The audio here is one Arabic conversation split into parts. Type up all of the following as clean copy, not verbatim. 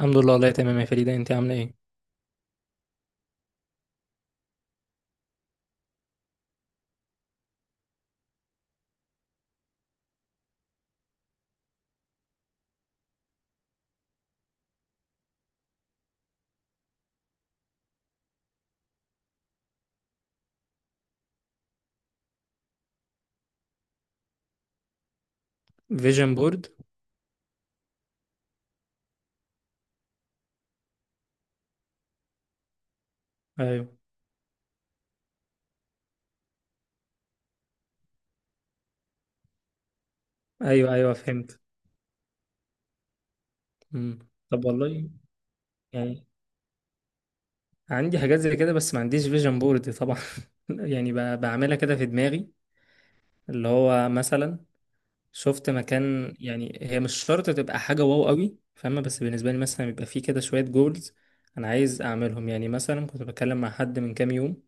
الحمد لله، والله تمام يا فريدة. انت عاملة ايه؟ فيجن بورد. ايوه ايوه، ايوه، فهمت. مم. طب والله، يعني عندي حاجات زي كده بس ما عنديش فيجن بورد طبعا. يعني بعملها كده في دماغي. اللي هو مثلا شفت مكان، يعني هي مش شرط تبقى حاجة واو قوي فاهمة، بس بالنسبة لي مثلا بيبقى فيه كده شوية جولز انا عايز اعملهم. يعني مثلا كنت بتكلم مع حد من كام يوم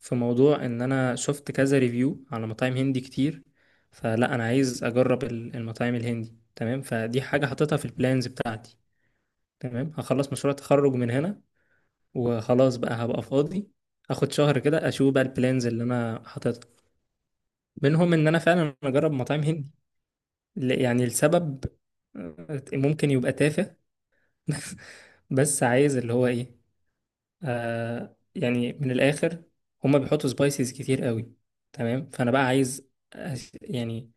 في موضوع ان انا شفت كذا ريفيو على مطاعم هندي كتير، فلا انا عايز اجرب المطاعم الهندي. تمام، فدي حاجة حاططها في البلانز بتاعتي. تمام، هخلص مشروع التخرج من هنا وخلاص بقى، هبقى فاضي. اخد شهر كده اشوف بقى البلانز اللي انا حاططها، منهم ان انا فعلا اجرب مطاعم هندي. يعني السبب ممكن يبقى تافه، بس عايز اللي هو ايه، آه، يعني من الاخر، هما بيحطوا سبايسز كتير قوي. تمام، فانا بقى عايز يعني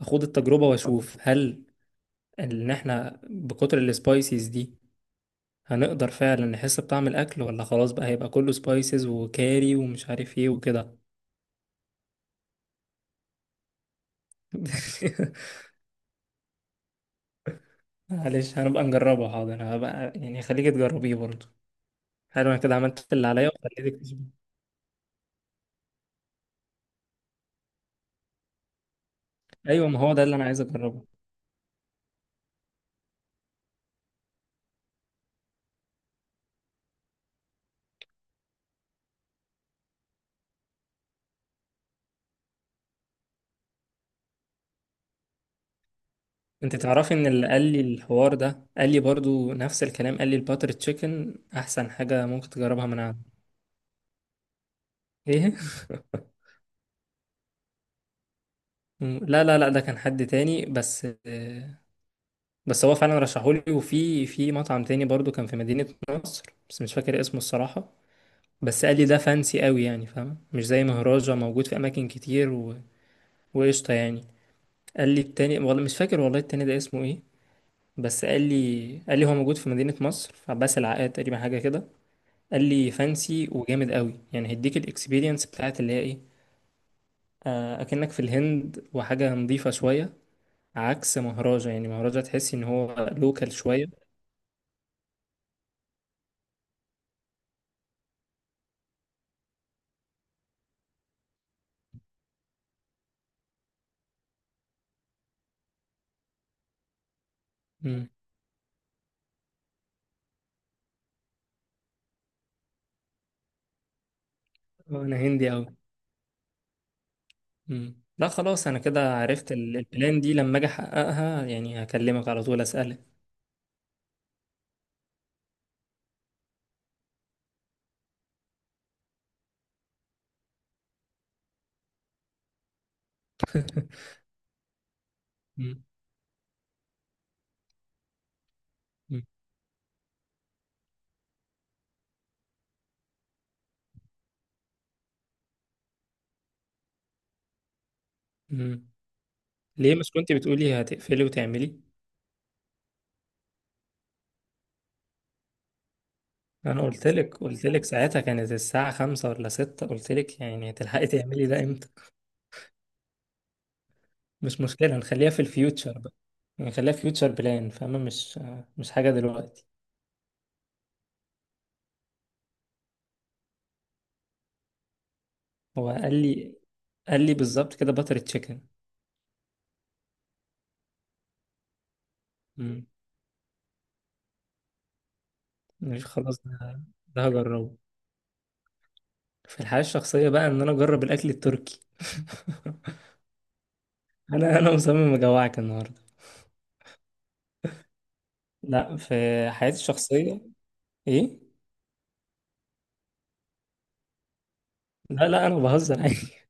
اخوض التجربة واشوف هل ان احنا بكتر السبايسز دي هنقدر فعلا نحس بطعم الاكل، ولا خلاص بقى هيبقى كله سبايسز وكاري ومش عارف ايه وكده. معلش، هنبقى نجربه. حاضر، هبقى يعني خليك تجربيه برضه. حلو، انا كده عملت اللي عليا وخليتك تظبط. ايوه، ما هو ده اللي انا عايز اجربه. انت تعرفي ان اللي قال لي الحوار ده قال لي برضو نفس الكلام، قال لي الباتر تشيكن احسن حاجة ممكن تجربها من عنده. ايه؟ مم. لا، لا، لا، ده كان حد تاني، بس آه، بس هو فعلا رشحولي، وفي مطعم تاني برضو كان في مدينة نصر، بس مش فاكر اسمه الصراحة. بس قال لي ده فانسي قوي، يعني فاهم، مش زي مهراجة موجود في اماكن كتير و... وقشطة يعني. قال لي التاني، والله مش فاكر والله التاني ده اسمه ايه، بس قال لي هو موجود في مدينة مصر في عباس العقاد تقريبا، حاجة كده. قال لي فانسي وجامد قوي، يعني هيديك الاكسبيرينس بتاعت اللي هي ايه، آه، اكنك في الهند، وحاجه نظيفه شويه عكس مهرجة. يعني مهرجة تحسي ان هو لوكال شويه. امم، انا هندي قوي. امم، لا خلاص، انا كده عرفت البلان دي، لما اجي احققها يعني هكلمك على طول اسالك. مم. مم. مم. ليه مش كنت بتقولي هتقفلي وتعملي؟ انا قلت لك ساعتها كانت الساعه 5 ولا 6، قلت لك يعني هتلحقي تعملي ده. مش مشكلة، نخليها في الفيوتشر بقى. نخليها فيوتشر بلان، فاهمة؟ مش حاجة دلوقتي. هو قال لي، قال لي بالظبط كده باتر تشيكن. مم. مش خلاص ده، ده هجربه. في الحياة الشخصية بقى ان انا اجرب الاكل التركي. انا مصمم اجوعك النهاردة. لا، في حياتي الشخصية. ايه؟ لا لا، انا بهزر عادي.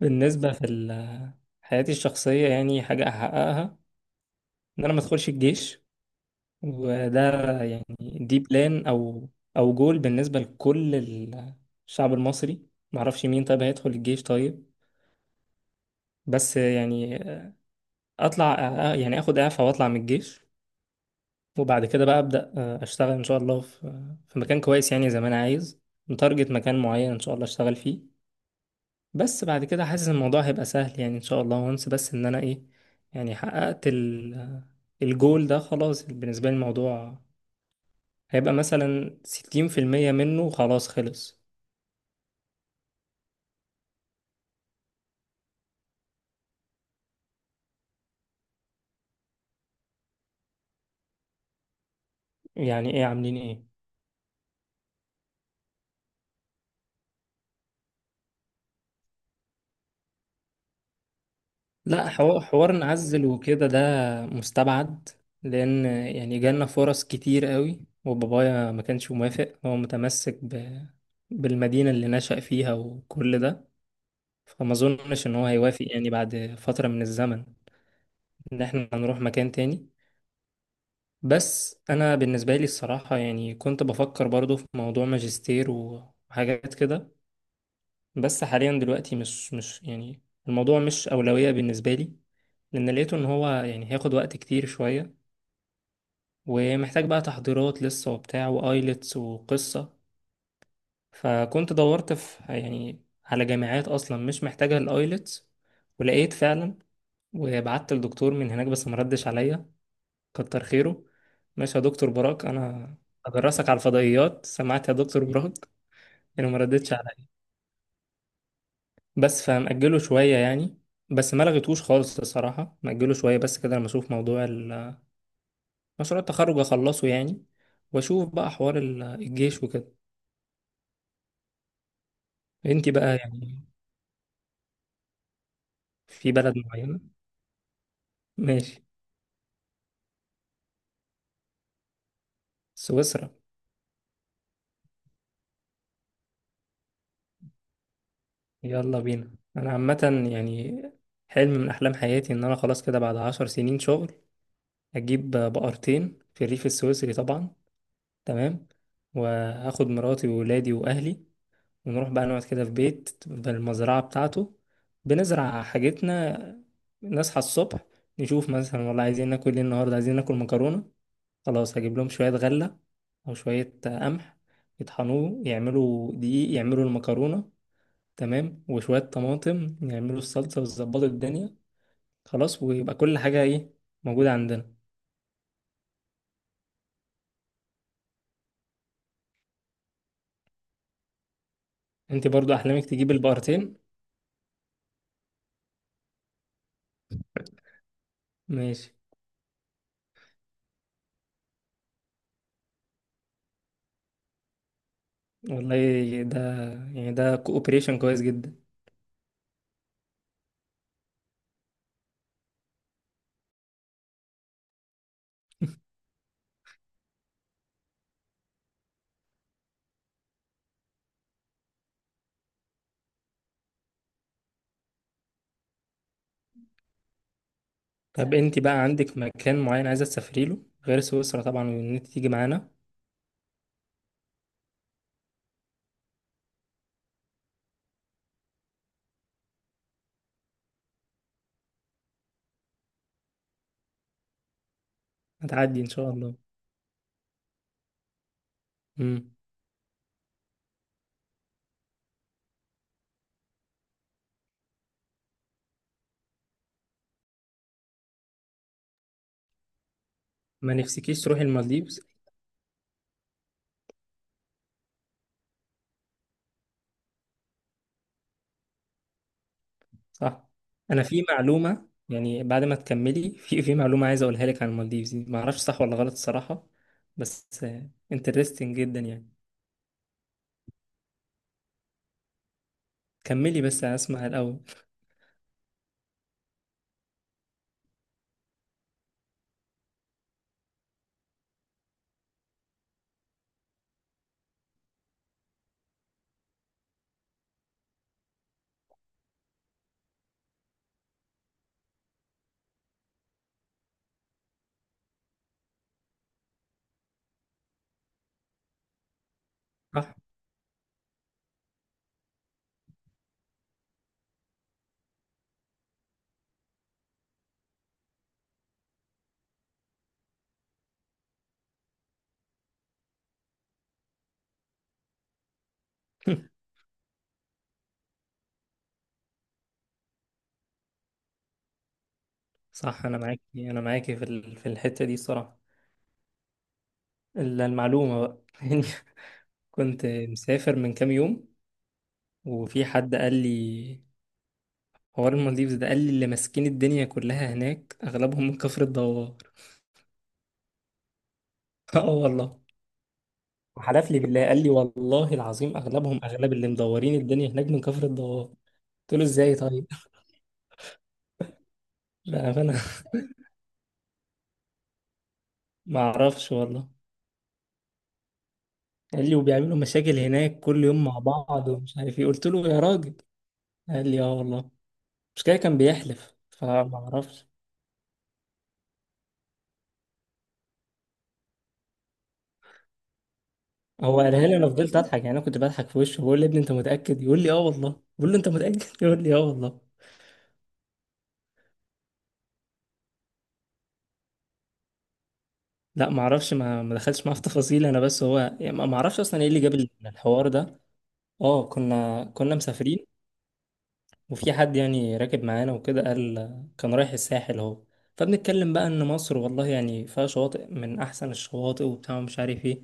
بالنسبة في حياتي الشخصية، يعني حاجة احققها ان انا ما ادخلش الجيش. وده يعني دي بلان او او جول بالنسبه لكل الشعب المصري. معرفش مين طيب هيدخل الجيش طيب، بس يعني اطلع، يعني اخد اعفاء واطلع من الجيش. وبعد كده بقى ابدا آه، اشتغل ان شاء الله في مكان كويس، يعني زي ما انا عايز. متارجت مكان معين ان شاء الله اشتغل فيه. بس بعد كده حاسس الموضوع هيبقى سهل يعني ان شاء الله، وانس بس ان انا ايه، يعني حققت الجول ده خلاص. بالنسبه لي الموضوع هيبقى مثلا 60% منه، خلاص خلص. يعني ايه عاملين ايه؟ لا، حوار نعزل وكده ده مستبعد. لان يعني جالنا فرص كتير قوي، وبابايا ما كانش موافق، هو متمسك ب... بالمدينة اللي نشأ فيها وكل ده. فما اظنش ان هو هيوافق يعني بعد فترة من الزمن ان احنا هنروح مكان تاني. بس انا بالنسبة لي الصراحة يعني كنت بفكر برضو في موضوع ماجستير وحاجات كده، بس حاليا دلوقتي مش يعني الموضوع مش أولوية بالنسبة لي، لأن لقيته إن هو يعني هياخد وقت كتير شوية ومحتاج بقى تحضيرات لسه وبتاع وآيلتس وقصة. فكنت دورت في، يعني على جامعات أصلا مش محتاجة الآيلتس، ولقيت فعلا، وبعت للدكتور من هناك بس مردش عليا. كتر خيره، ماشي يا دكتور براك. أنا هدرسك على الفضائيات، سمعت يا دكتور براك؟ أنا مردتش. بس فمأجله شوية يعني، بس ما لغيتهوش خالص الصراحة. مأجله شوية بس كده لما أشوف موضوع مشروع التخرج أخلصه يعني، وأشوف بقى حوار الجيش وكده. أنتي بقى يعني. في بلد معينة؟ ماشي، سويسرا. يلا بينا. أنا عامة يعني حلم من أحلام حياتي إن أنا خلاص كده بعد 10 سنين شغل أجيب بقرتين في الريف السويسري طبعا. تمام، وهاخد مراتي وولادي وأهلي، بنروح بقى نقعد كده في بيت بالمزرعة بتاعته، بنزرع حاجتنا، نصحى الصبح، نشوف مثلا والله عايزين ناكل ايه النهاردة. عايزين ناكل مكرونة، خلاص هجيب لهم شوية غلة أو شوية قمح، يطحنوه يعملوا دقيق يعملوا المكرونة. تمام، وشوية طماطم يعملوا الصلصة ويظبطوا الدنيا. خلاص، ويبقى كل حاجة ايه، موجودة عندنا. انت برضو أحلامك تجيب البقرتين؟ ماشي، والله ده يعني ده كوبريشن كويس جدا. طب انت بقى عندك مكان معين عايزة تسافري له غير سويسرا طبعا، وان انت تيجي معانا؟ هتعدي ان شاء الله. امم، ما نفسكيش تروحي المالديفز؟ صح. انا في معلومة يعني بعد ما تكملي، في في معلومة عايز اقولها لك عن المالديفز دي، ما اعرفش صح ولا غلط الصراحة، بس انترستنج جدا يعني. كملي بس انا اسمع الاول. صح. صح، انا معاكي، انا معاكي في في الحتة دي الصراحة. الا المعلومة بقى. يعني كنت مسافر من كام يوم، وفي حد قال لي حوار المالديفز ده، قال لي اللي ماسكين الدنيا كلها هناك اغلبهم من كفر الدوار. اه والله. وحلف لي بالله، قال لي والله العظيم اغلبهم، اغلب اللي مدورين الدنيا هناك من كفر الدوار. قلت له ازاي طيب؟ بامانه ما اعرفش والله. قال لي وبيعملوا مشاكل هناك كل يوم مع بعض ومش عارف ايه. قلت له يا راجل. قال لي اه والله، مش كده كان بيحلف، فما اعرفش. هو قالها لي انا فضلت اضحك يعني، انا كنت بضحك في وشه بقول له يا ابني انت متاكد، يقول لي اه والله، بقول له انت متاكد، يقول لي اه والله. لا ما اعرفش، ما دخلتش معاه في تفاصيل. انا بس هو يعني ما اعرفش اصلا ايه اللي جاب الحوار ده. اه، كنا مسافرين، وفي حد يعني راكب معانا وكده، قال، كان رايح الساحل اهو، فبنتكلم بقى ان مصر والله يعني فيها شواطئ من احسن الشواطئ وبتاع ومش عارف ايه.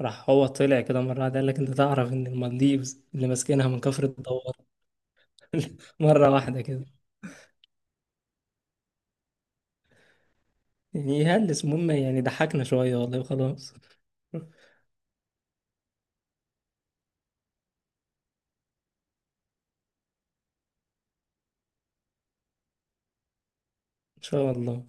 راح هو طلع كده مره واحده قال لك انت تعرف ان المالديفز اللي ماسكينها من كفر الدوار؟ مره واحده كده. يعني يهلس، المهم يعني ضحكنا شويه والله وخلاص. ان شاء الله.